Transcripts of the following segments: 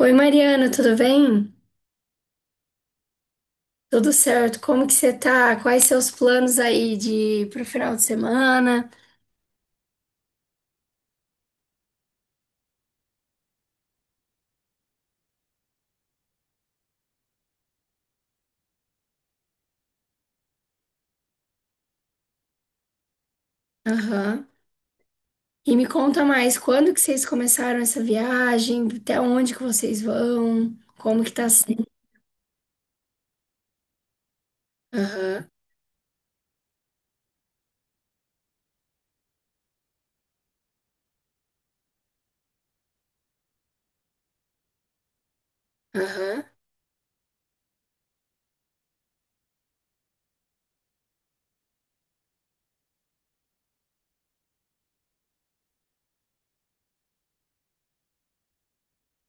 Oi, Mariana, tudo bem? Tudo certo? Como que você tá? Quais seus planos aí de pro final de semana? Aham. E me conta mais, quando que vocês começaram essa viagem? Até onde que vocês vão? Como que tá sendo? Aham, aham,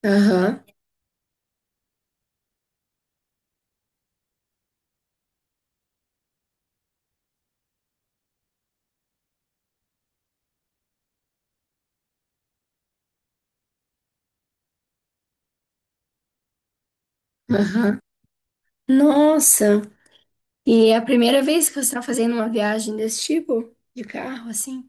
aham, aham. Nossa! E é a primeira vez que você tá fazendo uma viagem desse tipo? De carro, assim?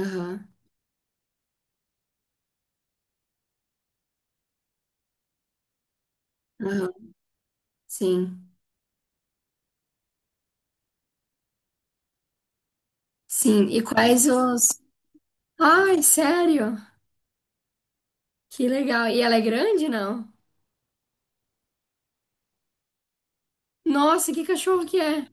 Aham, aham. Sim, sim. E quais os... Ai, sério? Que legal. E ela é grande, não? Nossa, que cachorro que é?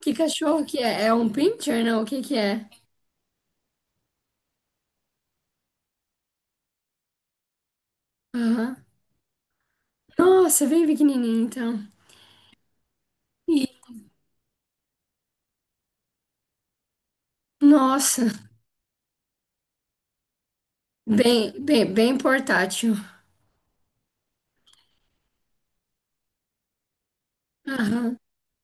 Que cachorro que é? É um pincher, não? O que que é? Aham. Nossa, bem pequenininho, então. E, nossa, bem, bem, bem portátil. Aham.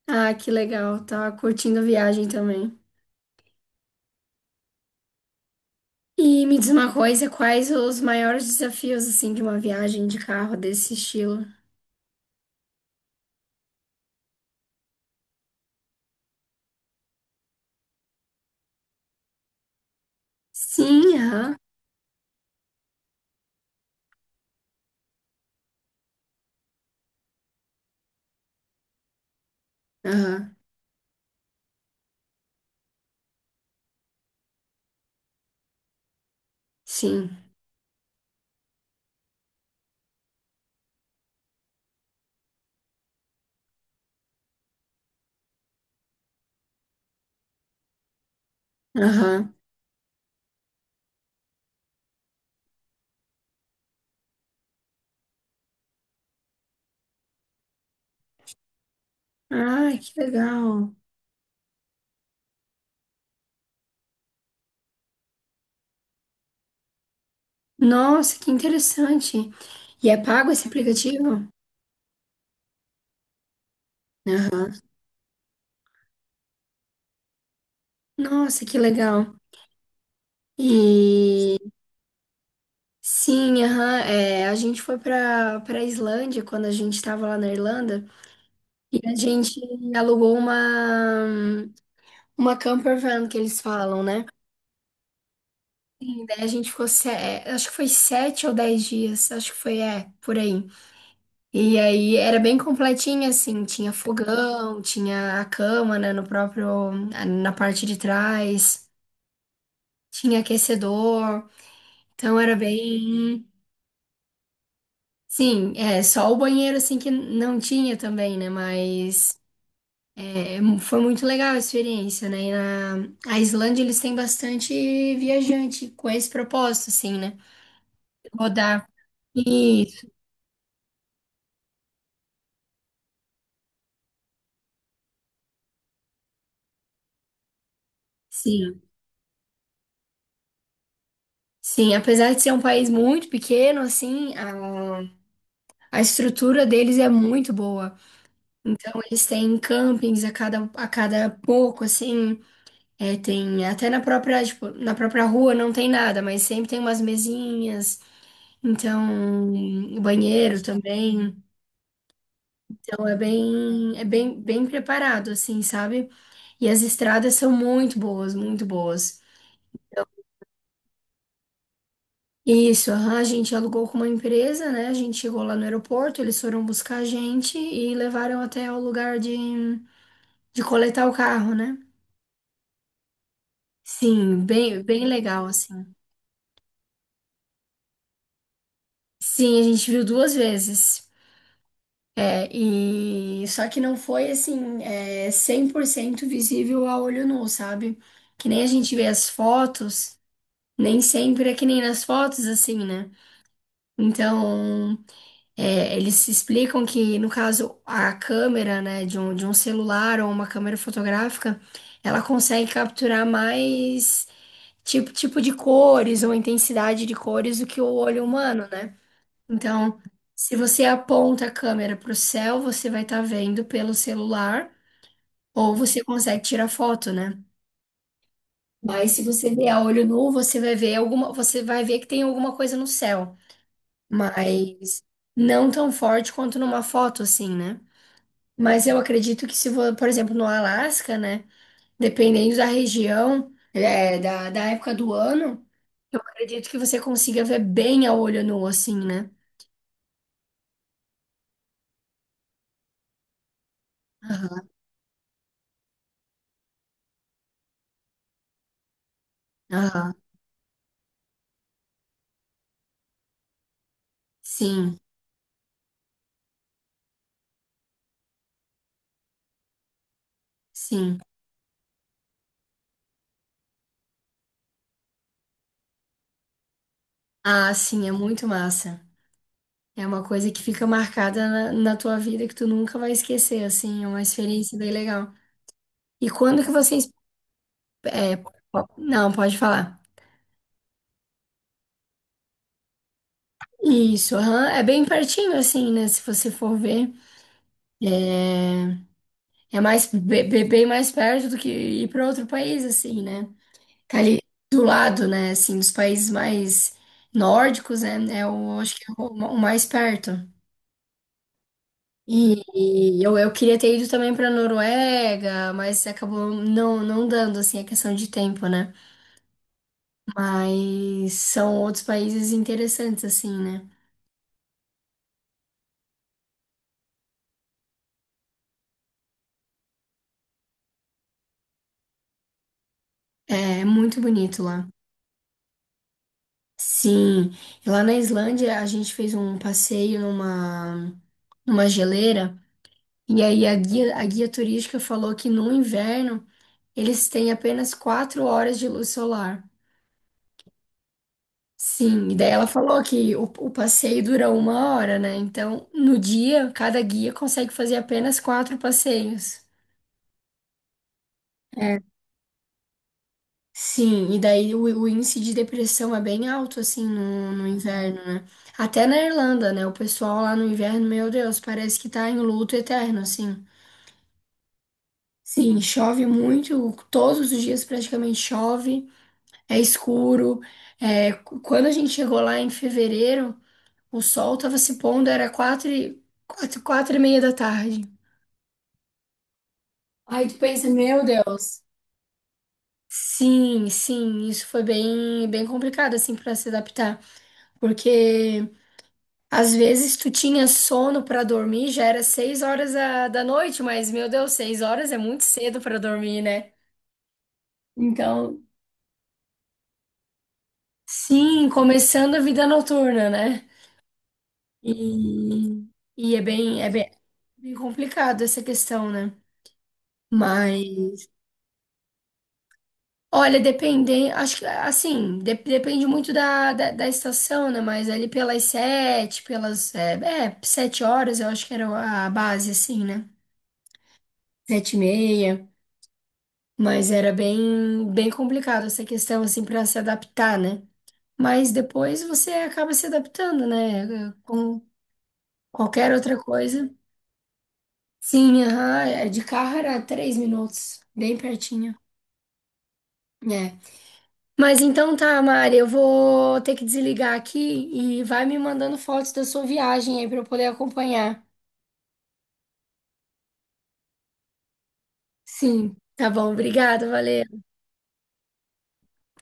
Ah, que legal. Tava curtindo a viagem também. E me diz uma coisa, quais os maiores desafios, assim, de uma viagem de carro desse estilo? Sim, aham. Aham. Sim. Aham. Ai, que legal. Nossa, que interessante. E é pago esse aplicativo? Aham. Nossa, que legal. E sim, aham, a gente foi para Islândia quando a gente estava lá na Irlanda e a gente alugou uma camper van que eles falam, né? E daí a gente ficou, acho que foi 7 ou 10 dias, acho que foi, por aí. E aí era bem completinha, assim, tinha fogão, tinha a cama, né, no próprio, na parte de trás. Tinha aquecedor, então era bem. Sim, é só o banheiro assim que não tinha também, né? Mas foi muito legal a experiência, né? E na a Islândia eles têm bastante viajante com esse propósito, assim, né? Rodar. Isso, sim. Sim, apesar de ser um país muito pequeno, assim, a estrutura deles é muito boa. Então eles têm campings a cada pouco, assim. É, tem até na própria, tipo, na própria rua não tem nada, mas sempre tem umas mesinhas, então, o banheiro também. Então bem preparado, assim, sabe? E as estradas são muito boas, muito boas. Então. Isso, aham, a gente alugou com uma empresa, né? A gente chegou lá no aeroporto, eles foram buscar a gente e levaram até o lugar de coletar o carro, né? Sim, bem, bem legal, assim. Sim, a gente viu duas vezes. E só que não foi assim, 100% visível a olho nu, sabe? Que nem a gente vê as fotos, nem sempre é que nem nas fotos, assim, né? Então, eles explicam que, no caso, a câmera, né, de um celular ou uma câmera fotográfica, ela consegue capturar mais tipo, tipo de cores ou intensidade de cores do que o olho humano, né? Então, se você aponta a câmera para o céu, você vai estar vendo pelo celular ou você consegue tirar foto, né? Mas se você ver a olho nu, você vai ver alguma, você vai ver que tem alguma coisa no céu, mas não tão forte quanto numa foto assim, né? Mas eu acredito que se, vo- por exemplo, no Alasca, né, dependendo da região, da época do ano, eu acredito que você consiga ver bem a olho nu assim, né? Aham, aham. Sim, sim. Ah, sim, é muito massa. É uma coisa que fica marcada na tua vida que tu nunca vai esquecer, assim, é uma experiência bem legal. E quando que vocês... é, po- não, pode falar. Isso, aham, é bem pertinho, assim, né? Se você for ver, é, é mais bem mais perto do que ir para outro país, assim, né? Tá ali do lado, né? Assim, dos países mais nórdicos, né? É o, acho que é o mais perto. E, eu queria ter ido também para Noruega, mas acabou não dando, assim, a questão de tempo, né? Mas são outros países interessantes, assim, né? É muito bonito lá. Sim, e lá na Islândia a gente fez um passeio numa geleira, e aí a guia turística falou que no inverno eles têm apenas 4 horas de luz solar. Sim, e daí ela falou que o passeio dura 1 hora, né? Então, no dia, cada guia consegue fazer apenas quatro passeios. É. Sim, e daí o índice de depressão é bem alto, assim, no inverno, né? Até na Irlanda, né? O pessoal lá no inverno, meu Deus, parece que tá em luto eterno, assim. Sim, chove muito, todos os dias praticamente chove, é escuro. É, quando a gente chegou lá em fevereiro. O sol estava se pondo, era 4:30 da tarde. Aí tu pensa, meu Deus. Sim, sim, isso foi bem, bem complicado assim para se adaptar, porque às vezes tu tinha sono para dormir, já era 6 horas da noite, mas meu Deus, 6 horas é muito cedo para dormir, né? Então, sim, começando a vida noturna, né? E, e é bem complicado essa questão, né? Mas olha, dependendo, acho que assim, depende muito da estação, né? Mas ali pelas 7 horas, eu acho que era a base, assim, né? 7:30. Mas era bem, bem complicado essa questão, assim, para se adaptar, né? Mas depois você acaba se adaptando, né? Com qualquer outra coisa. Sim, aham, de carro era 3 minutos, bem pertinho. É. Mas então tá, Mari, eu vou ter que desligar aqui e vai me mandando fotos da sua viagem aí pra eu poder acompanhar. Sim, tá bom, obrigada, valeu.